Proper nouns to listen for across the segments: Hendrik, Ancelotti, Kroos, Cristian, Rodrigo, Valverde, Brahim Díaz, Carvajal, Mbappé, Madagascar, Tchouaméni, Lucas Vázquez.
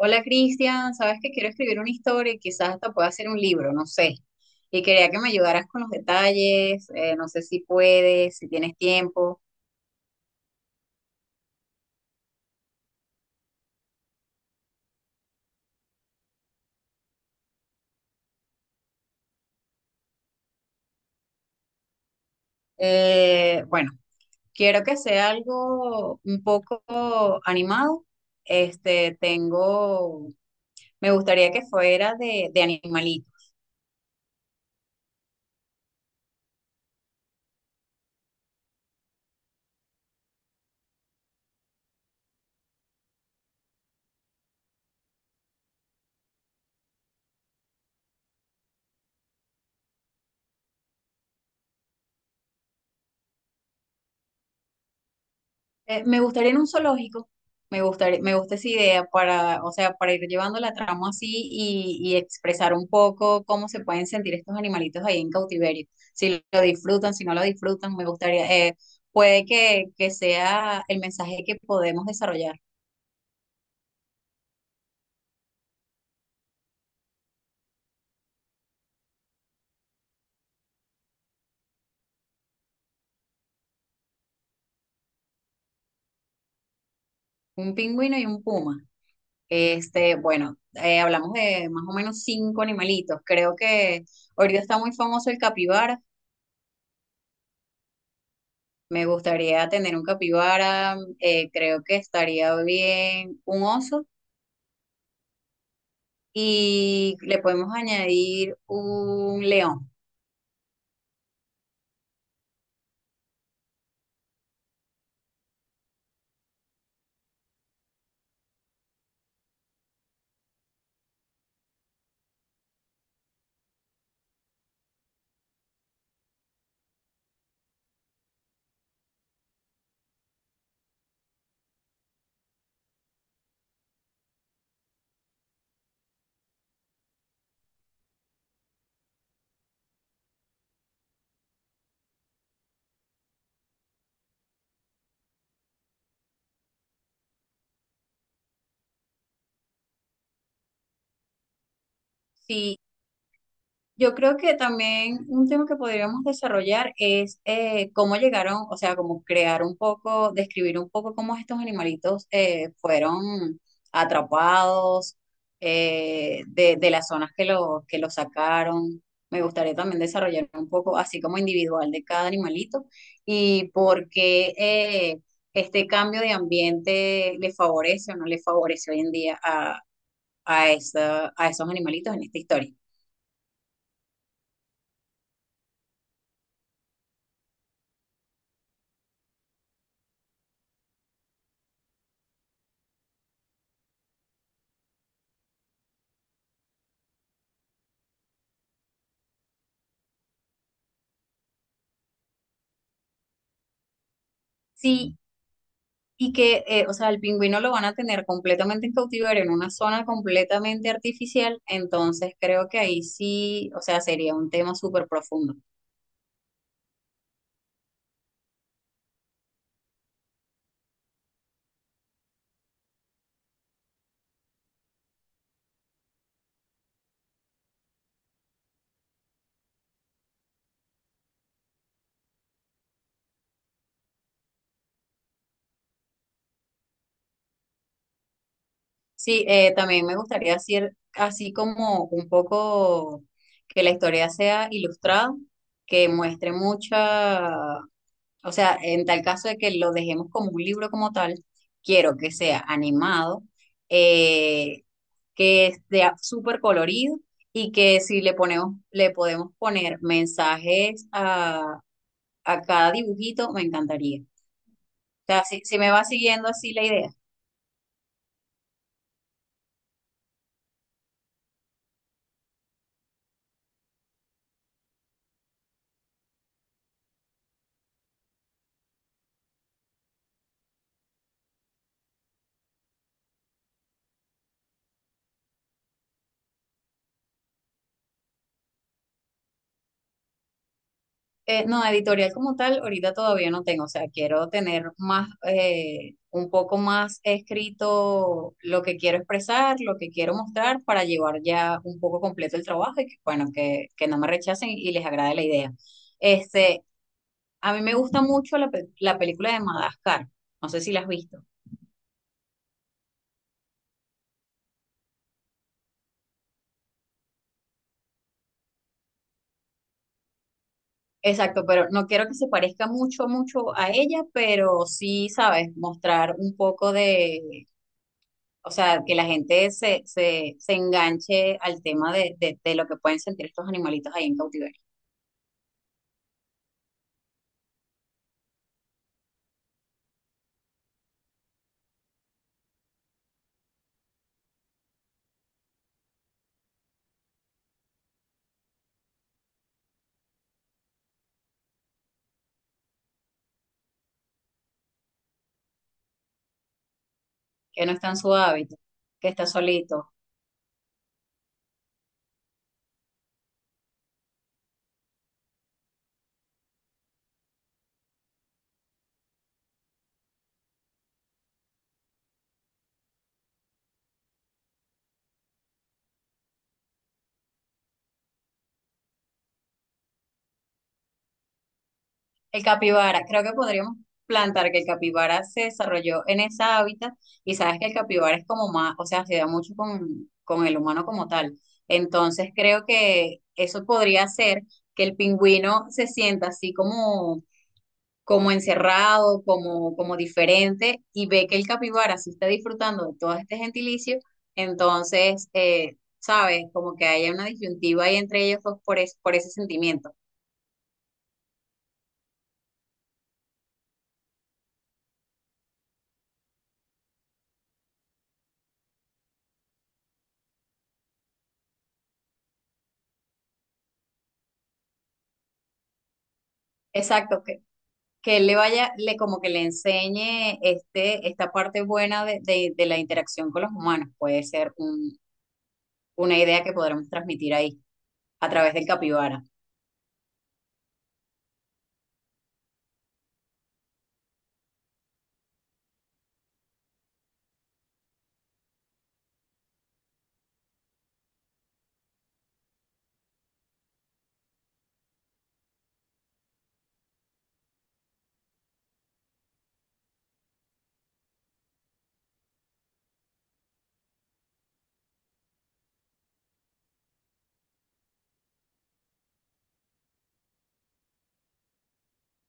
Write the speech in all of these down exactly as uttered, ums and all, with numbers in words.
Hola Cristian, sabes que quiero escribir una historia y quizás hasta pueda hacer un libro, no sé. Y quería que me ayudaras con los detalles, eh, no sé si puedes, si tienes tiempo. Eh, bueno, quiero que sea algo un poco animado. Este, tengo, me gustaría que fuera de, de animalitos. Eh, me gustaría en un zoológico, me gustaría, me gusta esa idea para, o sea, para ir llevando la trama así y, y expresar un poco cómo se pueden sentir estos animalitos ahí en cautiverio, si lo disfrutan, si no lo disfrutan, me gustaría, eh, puede que, que sea el mensaje que podemos desarrollar, un pingüino y un puma. Este, bueno, eh, hablamos de más o menos cinco animalitos, creo que ahorita está muy famoso el capibara. Me gustaría tener un capibara, eh, creo que estaría bien un oso y le podemos añadir un león. Si Yo creo que también un tema que podríamos desarrollar es eh, cómo llegaron, o sea, cómo crear un poco, describir un poco cómo estos animalitos eh, fueron atrapados eh, de, de las zonas que los que los sacaron. Me gustaría también desarrollar un poco, así como individual de cada animalito y por qué eh, este cambio de ambiente le favorece o no le favorece hoy en día a, a, esa- a esos animalitos en esta historia. Sí, y que, eh, o sea, el pingüino lo van a tener completamente en cautiverio, en una zona completamente artificial, entonces creo que ahí sí, o sea, sería un tema súper profundo. Sí, eh, también me gustaría hacer así como un poco que la historia sea ilustrada, que muestre mucha. O sea, en tal caso de que lo dejemos como un libro como tal, quiero que sea animado, eh, que sea súper colorido y que si le ponemos, le podemos poner mensajes a, a cada dibujito, me encantaría. O sea, si, si me va siguiendo así la idea. Eh, no, editorial como tal, ahorita todavía no tengo, o sea, quiero tener más, eh, un poco más escrito lo que quiero expresar, lo que quiero mostrar para llevar ya un poco completo el trabajo y que, bueno, que, que no me rechacen y les agrade la idea. Este, a mí me gusta mucho la, pe- la película de Madagascar, no sé si la has visto. Exacto, pero no quiero que se parezca mucho, mucho a ella, pero sí, sabes, mostrar un poco de, o sea, que la gente se, se, se enganche al tema de, de, de lo que pueden sentir estos animalitos ahí en cautiverio, que no está en su hábitat, que está solito. El capibara, creo que podríamos plantar que el capibara se desarrolló en ese hábitat y sabes que el capibara es como más, o sea, se da mucho con, con el humano como tal. Entonces creo que eso podría ser que el pingüino se sienta así como como encerrado, como, como diferente, y ve que el capibara sí está disfrutando de todo este gentilicio, entonces, eh, ¿sabes? Como que haya una disyuntiva ahí entre ellos dos por, es- por ese sentimiento. Exacto, que, que él le vaya, le, como que le enseñe este, esta parte buena de, de- de la interacción con los humanos, puede ser un- una idea que podremos transmitir ahí a través del capibara.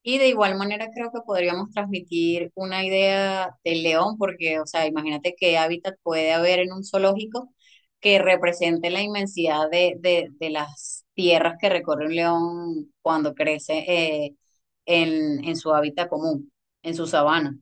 Y de igual manera creo que podríamos transmitir una idea del león, porque, o sea, imagínate qué hábitat puede haber en un zoológico que represente la inmensidad de, de, de las tierras que recorre un león cuando crece, eh, en, en su hábitat común, en su sabana.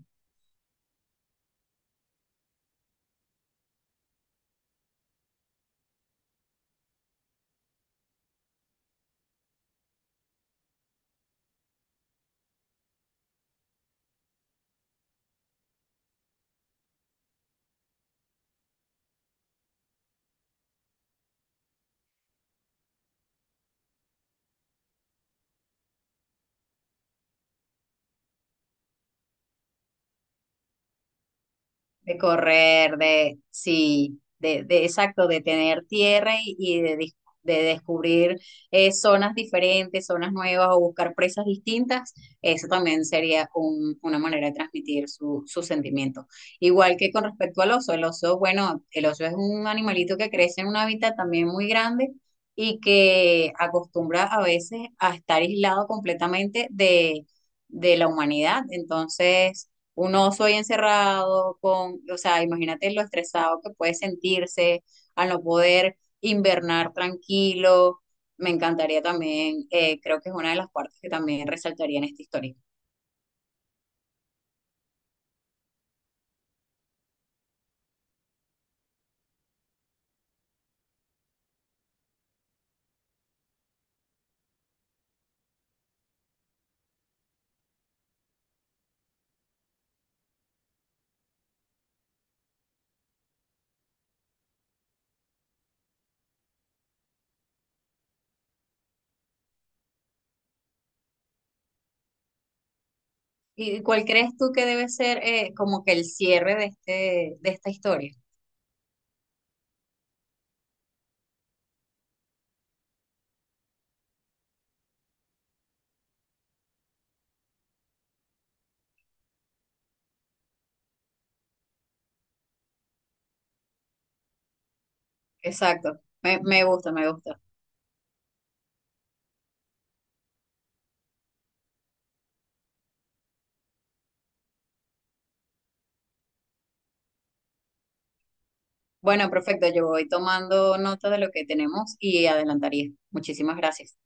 De correr, de, sí, de, de exacto, de tener tierra y, y de, dis- de descubrir eh, zonas diferentes, zonas nuevas o buscar presas distintas, eso también sería un- una manera de transmitir su, su sentimiento. Igual que con respecto al oso, el oso, bueno, el oso es un animalito que crece en un hábitat también muy grande y que acostumbra a veces a estar aislado completamente de, de la humanidad. Entonces un oso ahí encerrado con, o sea, imagínate lo estresado que puede sentirse al no poder invernar tranquilo. Me encantaría también, eh, creo que es una de las partes que también resaltaría en esta historia. ¿Y cuál crees tú que debe ser, eh, como que el cierre de este, de esta historia? Exacto, me, me gusta, me gusta. Bueno, perfecto, yo voy tomando nota de lo que tenemos y adelantaría. Muchísimas gracias.